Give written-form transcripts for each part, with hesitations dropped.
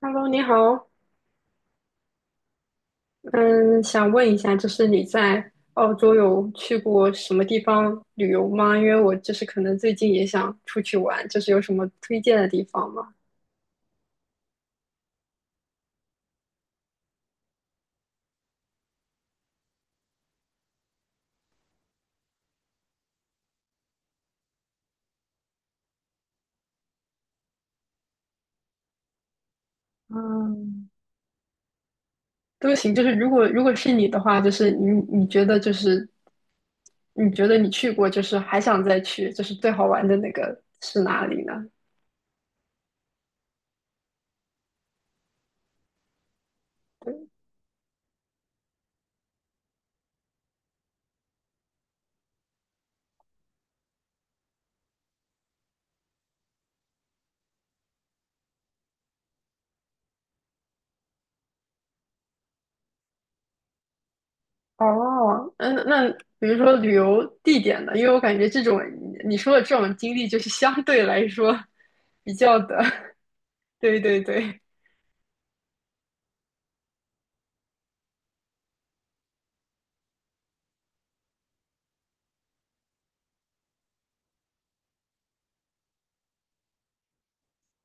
Hello，你好，嗯，想问一下，就是你在澳洲有去过什么地方旅游吗？因为我就是可能最近也想出去玩，就是有什么推荐的地方吗？嗯，都行，就是如果是你的话，就是你觉得就是你觉得你去过，就是还想再去，就是最好玩的那个是哪里呢？对。哦。嗯，那比如说旅游地点呢？因为我感觉这种你说的这种经历，就是相对来说比较的。对对对。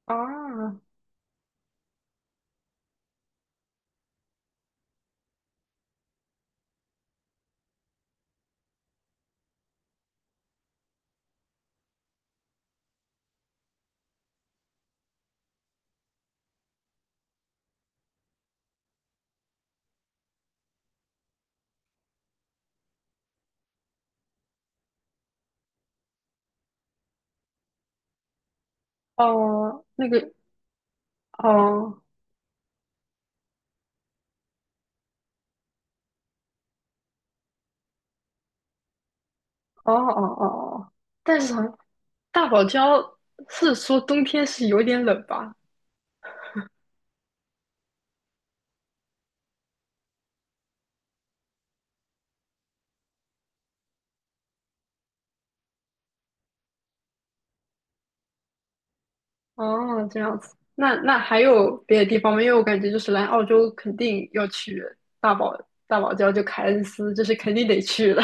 啊。哦，那个。哦。哦哦哦哦。但是好像大堡礁是说冬天是有点冷吧？哦，这样子。那还有别的地方吗？因为我感觉就是来澳洲肯定要去大堡大堡礁，就凯恩斯，这是肯定得去的。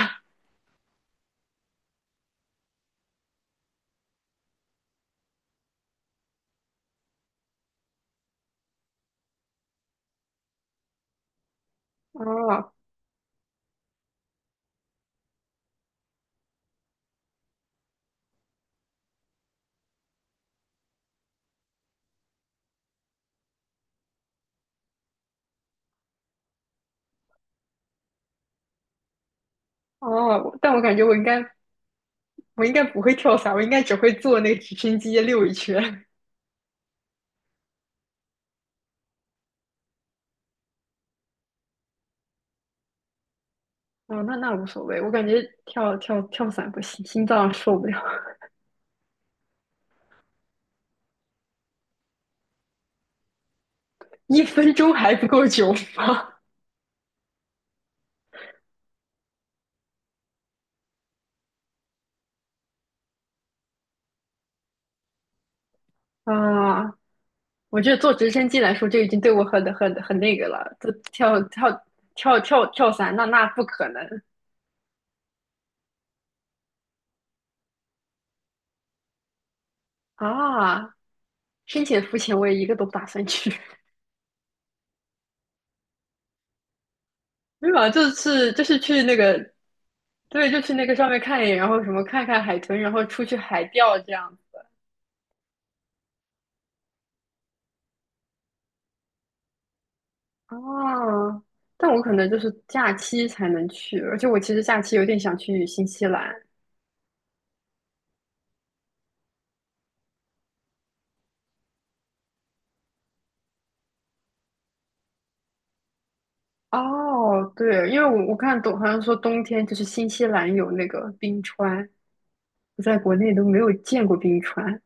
哦哦。但我感觉我应该不会跳伞，我应该只会坐那个直升机溜一圈。哦，那无所谓，我感觉跳伞不行，心脏受不了。1分钟还不够久吗？啊，我觉得坐直升机来说，就已经对我很那个了。都跳伞，那不可能啊！深潜、浮潜，我也一个都不打算去。没有啊，就是去那个，对，就去那个上面看一眼，然后什么看看海豚，然后出去海钓这样。啊！但我可能就是假期才能去，而且我其实假期有点想去新西兰。哦，对，因为我看懂，好像说冬天就是新西兰有那个冰川，我在国内都没有见过冰川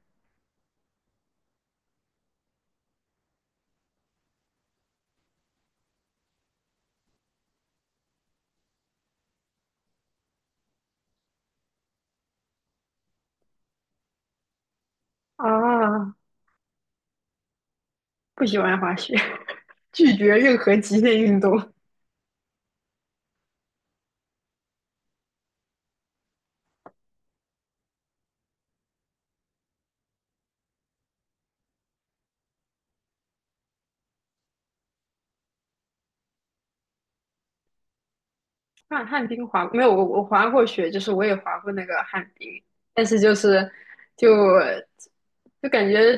啊。不喜欢滑雪，拒绝任何极限运动。旱冰滑，没有，我滑过雪，就是我也滑过那个旱冰，但是就是就就感觉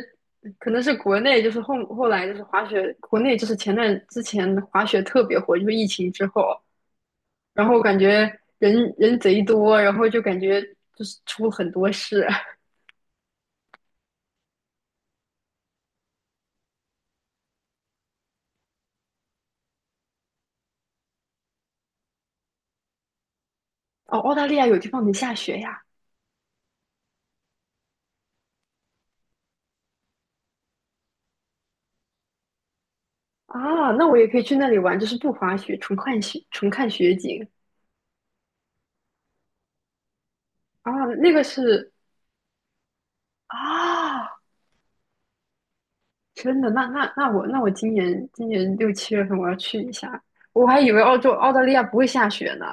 可能是国内就是后来就是滑雪，国内就是前段之前滑雪特别火，就是疫情之后。然后感觉人人贼多，然后就感觉就是出了很多事。哦，澳大利亚有地方能下雪呀！啊，那我也可以去那里玩，就是不滑雪，纯看雪，纯看雪景啊。那个是啊，真的，那那那我那我今年6、7月份我要去一下，我还以为澳洲澳大利亚不会下雪呢。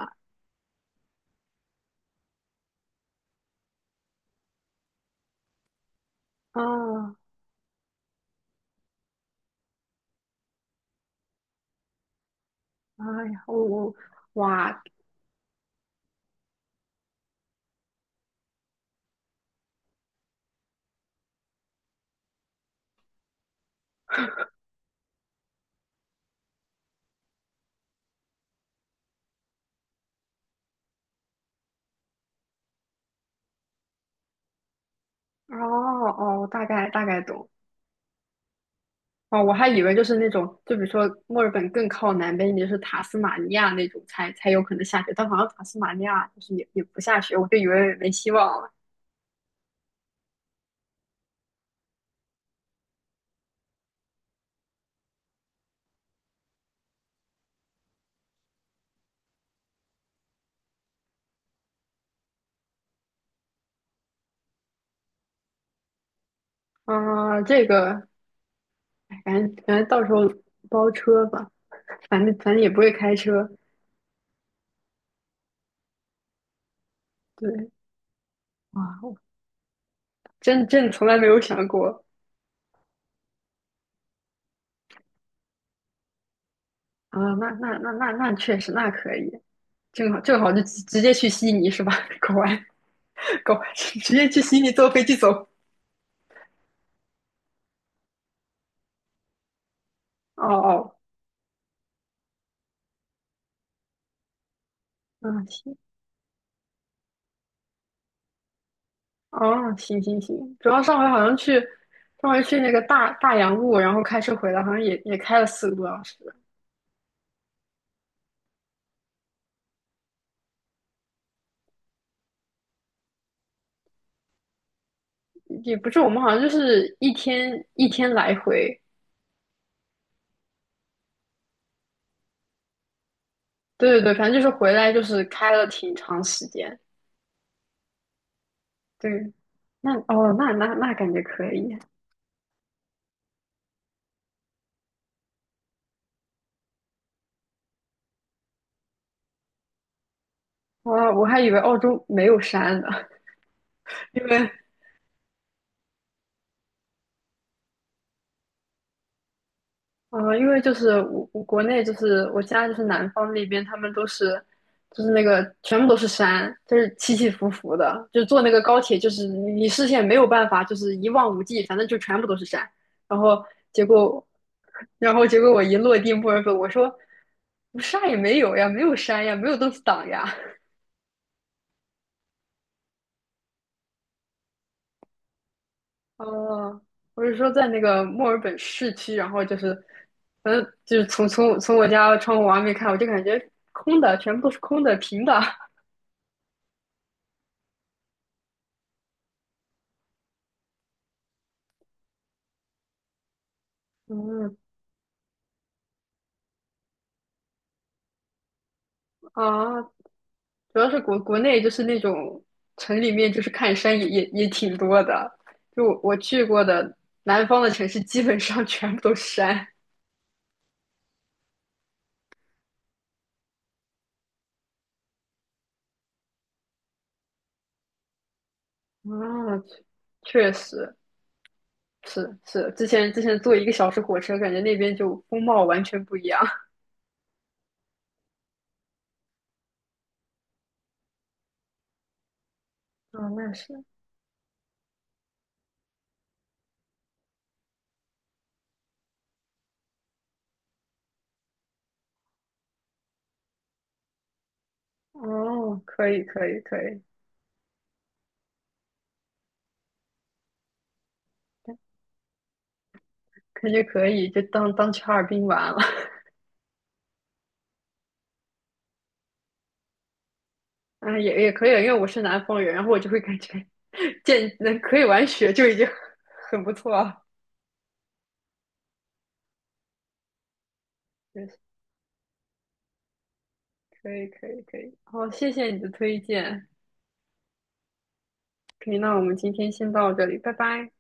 啊，哎呀，我哇。哦哦，大概懂。哦，我还以为就是那种，就比如说墨尔本更靠南边一点就是塔斯马尼亚那种才有可能下雪，但好像塔斯马尼亚就是也不下雪，我就以为没希望了。啊、这个，哎反正到时候包车吧，反正也不会开车。对。啊，我真从来没有想过啊、那那那那那确实那可以。正好就直接去悉尼是吧？搞完搞完，直接去悉尼坐飞机走。哦哦。嗯行。哦，行行行。主要上回好像去，上回去那个大洋路，然后开车回来，好像也开了4个多小时，也不是我们好像就是一天一天来回，对对对，反正就是回来就是开了挺长时间。对，那哦，那感觉可以。我我还以为澳洲没有山呢，因为因为就是我国内就是我家就是南方那边，他们都是就是那个全部都是山，就是起起伏伏的，就坐那个高铁就是你视线没有办法就是一望无际，反正就全部都是山。然后结果，然后结果我一落地墨尔本，我说我啥也没有呀，没有山呀，没有东西挡呀。哦，我是说在那个墨尔本市区，然后就是，反正就是从我家窗户往外面看，我就感觉空的，全部都是空的，平的。嗯啊，主要是国内就是那种城里面，就是看山也挺多的。就我去过的南方的城市，基本上全部都是山。啊，确实是是，之前坐1个小时火车，感觉那边就风貌完全不一样。啊，那是哦，可以可以可以。感觉可以，就当去哈尔滨玩了。啊，也可以，因为我是南方人，然后我就会感觉见能可以玩雪就已经 很不错了。可以可以可以，好，谢谢你的推荐。可以，那我们今天先到这里，拜拜。